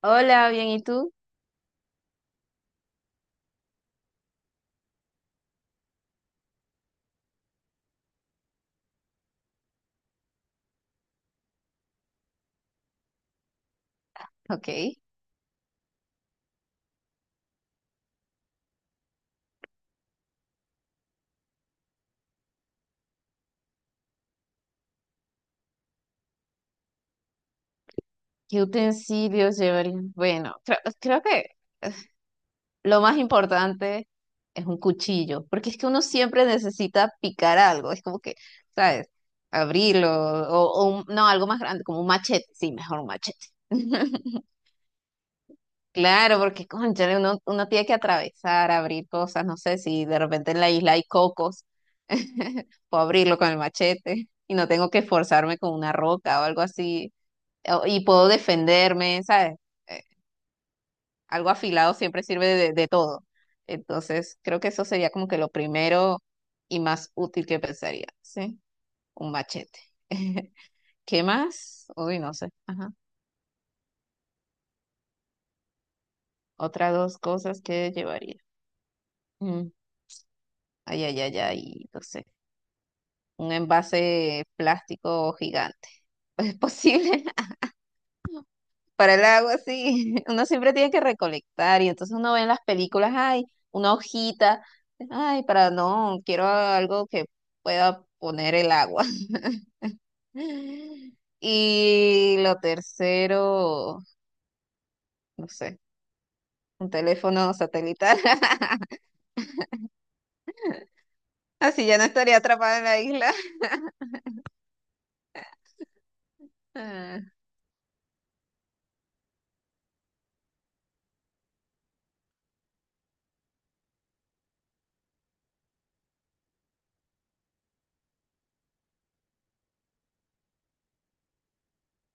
Hola, bien, ¿y tú? Ok. ¿Qué utensilios llevaría? Bueno, creo que eh, lo más importante es un cuchillo, porque es que uno siempre necesita picar algo, es como que, ¿sabes? Abrirlo, o no, algo más grande, como un machete, sí, mejor un machete. Claro, porque cónchale, uno tiene que atravesar, abrir cosas, no sé si de repente en la isla hay cocos. Puedo abrirlo con el machete y no tengo que esforzarme con una roca o algo así y puedo defenderme, ¿sabes? Eh, Algo afilado siempre sirve de todo. Entonces, creo que eso sería como que lo primero y más útil que pensaría, ¿sí? Un machete. ¿Qué más? Uy, no sé. Ajá. Otras dos cosas que llevaría. Mm, ay, ay, ay, ay, no sé. Un envase plástico gigante. ¿Es posible? Para el agua, sí. Uno siempre tiene que recolectar y entonces uno ve en las películas, ay, una hojita, ay, para no, quiero algo que pueda poner el agua. Y lo tercero, no sé, un teléfono satelital. Así ya no estaría atrapada en la isla. Ah,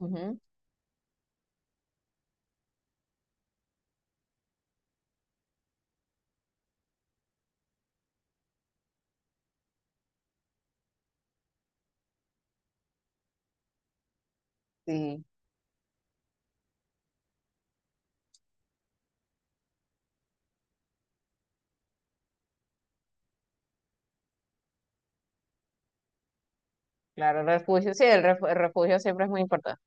ujú, sí, claro, el refugio, sí, el refugio siempre es muy importante.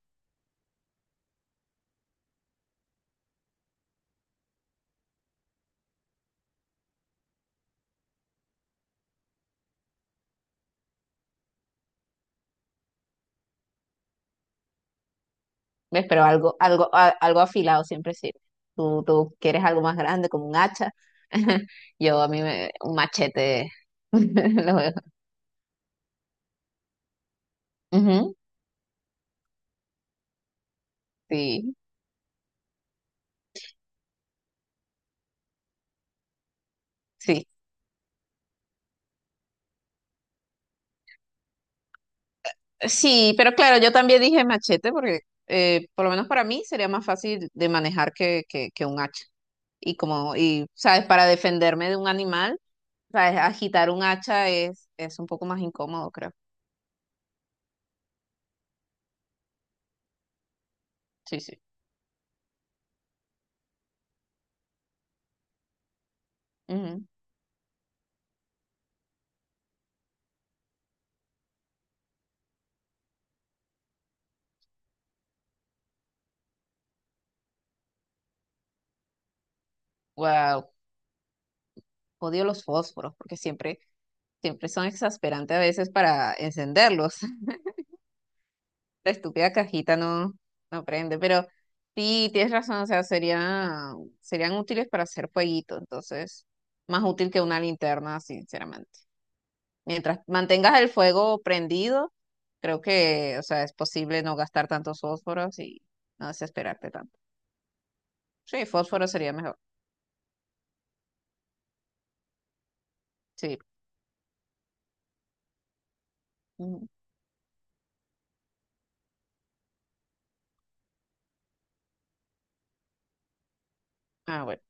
¿Ves? Pero algo, algo, algo afilado siempre sirve. Tú quieres algo más grande, como un hacha. Yo a mí me, un machete. Lo veo. Ujú, sí, sí. Sí, pero claro, yo también dije machete porque por lo menos para mí sería más fácil de manejar que, que un hacha. Y como, y, ¿sabes? Para defenderme de un animal, ¿sabes? Agitar un hacha es un poco más incómodo, creo. Sí, sí. Wow, odio los fósforos porque siempre, siempre son exasperantes a veces para encenderlos. La estúpida cajita no, no prende, pero sí, tienes razón, o sea, sería, serían útiles para hacer fueguito, entonces, más útil que una linterna, sinceramente. Mientras mantengas el fuego prendido, creo que, o sea, es posible no gastar tantos fósforos y no desesperarte tanto. Sí, fósforo sería mejor. Sí. Ujú. Ah, bueno.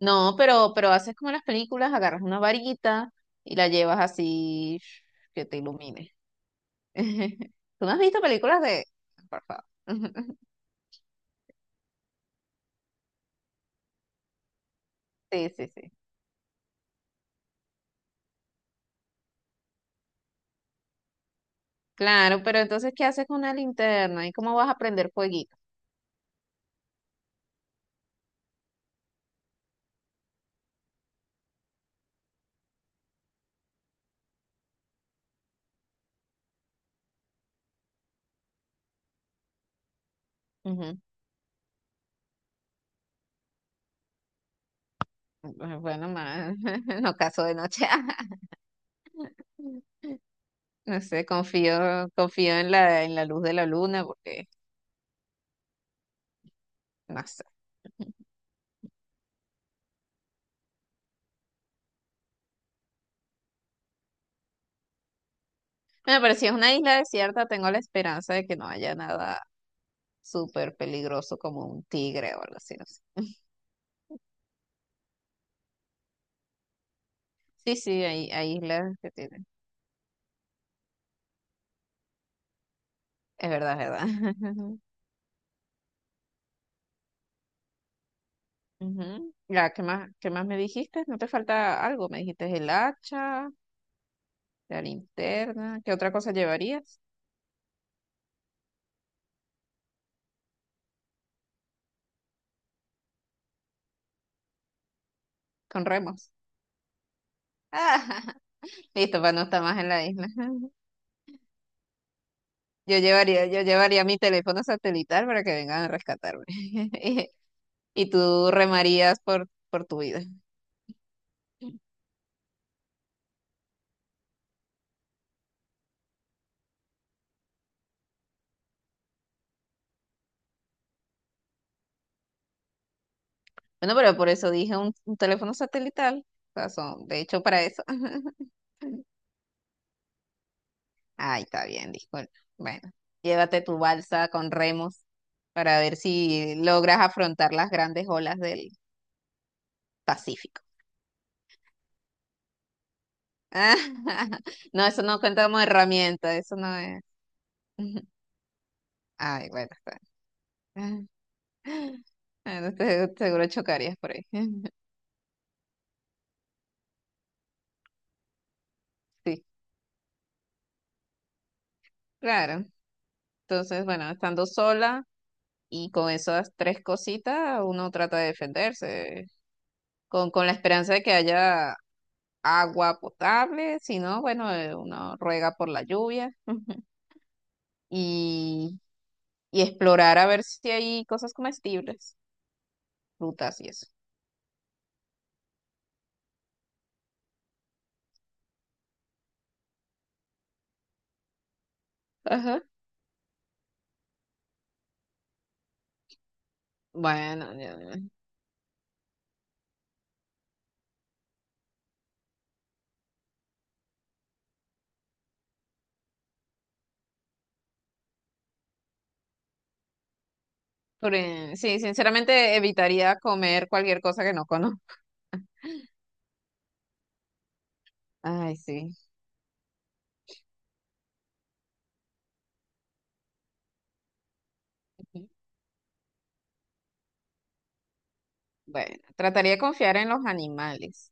No, pero haces como en las películas, agarras una varita y la llevas así que te ilumine. ¿Tú no has visto películas de... Por favor? Sí, sí, sí. Claro, pero entonces, ¿qué haces con una linterna? ¿Y cómo vas a prender fueguito? Ujú. Bueno, más, no caso de noche. No sé, confío en la luz de la luna porque, no sé. Bueno, pero si es una isla desierta, tengo la esperanza de que no haya nada súper peligroso como un tigre o algo así, no sé. Sí, sí, hay, islas que tienen. Es verdad, es verdad. Ujú. Ya, qué más me dijiste? ¿No te falta algo? Me dijiste el hacha, la linterna. ¿Qué otra cosa llevarías? Con remos. Ah, listo, para no estar más en la isla. Yo llevaría mi teléfono satelital para que vengan a rescatarme. Y, y tú remarías por tu vida. Bueno, pero por eso dije un teléfono satelital. O sea, son, de hecho, para eso. Ay, está bien, disculpa. Bueno, llévate tu balsa con remos para ver si logras afrontar las grandes olas del Pacífico. No, eso no cuenta como herramienta, eso no es. Ay, bueno, está bien. Bueno, seguro chocarías por ahí. Sí, claro. Entonces, bueno, estando sola y con esas tres cositas, uno trata de defenderse, con la esperanza de que haya agua potable, si no, bueno, uno ruega por la lluvia y, y explorar a ver si hay cosas comestibles, frutas y eso. Ajá. Bueno, ya, ya. Por, sí, sinceramente evitaría comer cualquier cosa que no conozco. Ay, sí. Ujú. Bueno, trataría de confiar en los animales,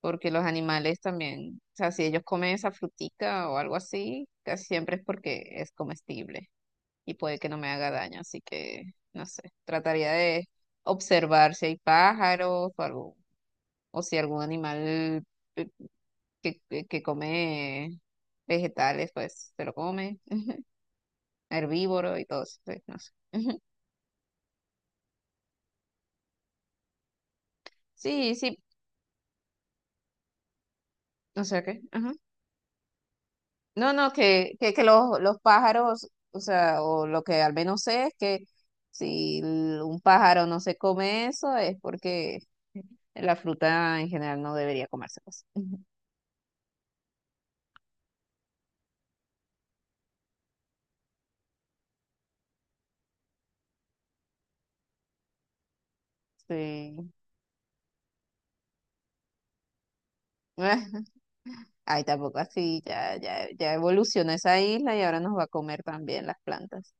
porque los animales también, o sea, si ellos comen esa frutica o algo así, casi siempre es porque es comestible y puede que no me haga daño, así que no sé, trataría de observar si hay pájaros o algo, o si algún animal que come vegetales, pues se lo come. Herbívoro y todo eso, sí, no sé. Ujú. Sí, sí, o sea que, ajá. No, no, que los pájaros, o sea, o lo que al menos sé es que si un pájaro no se come eso es porque la fruta en general no debería comerse, pues. Ujú. Sí. Ay, tampoco así, ya, ya, ya evolucionó esa isla y ahora nos va a comer también las plantas.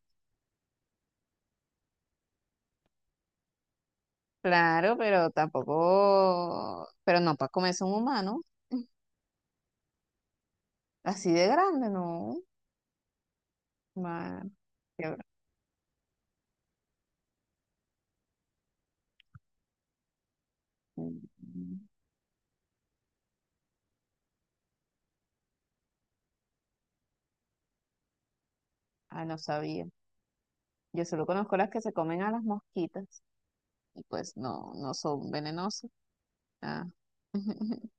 Claro, pero tampoco, pero no para comerse un humano, así de grande, no. Ma- qué bra- mm, ah, no sabía. Yo solo conozco las que se comen a las mosquitas y pues no, no son venenosas. Ah.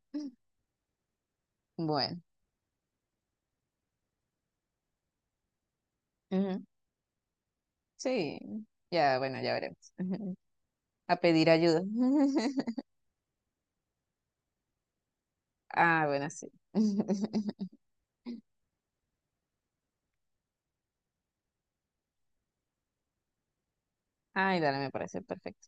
Bueno, ujú, sí, ya, bueno, ya veremos. A pedir ayuda. Ah, bueno, sí. Ay, dale, me parece perfecto.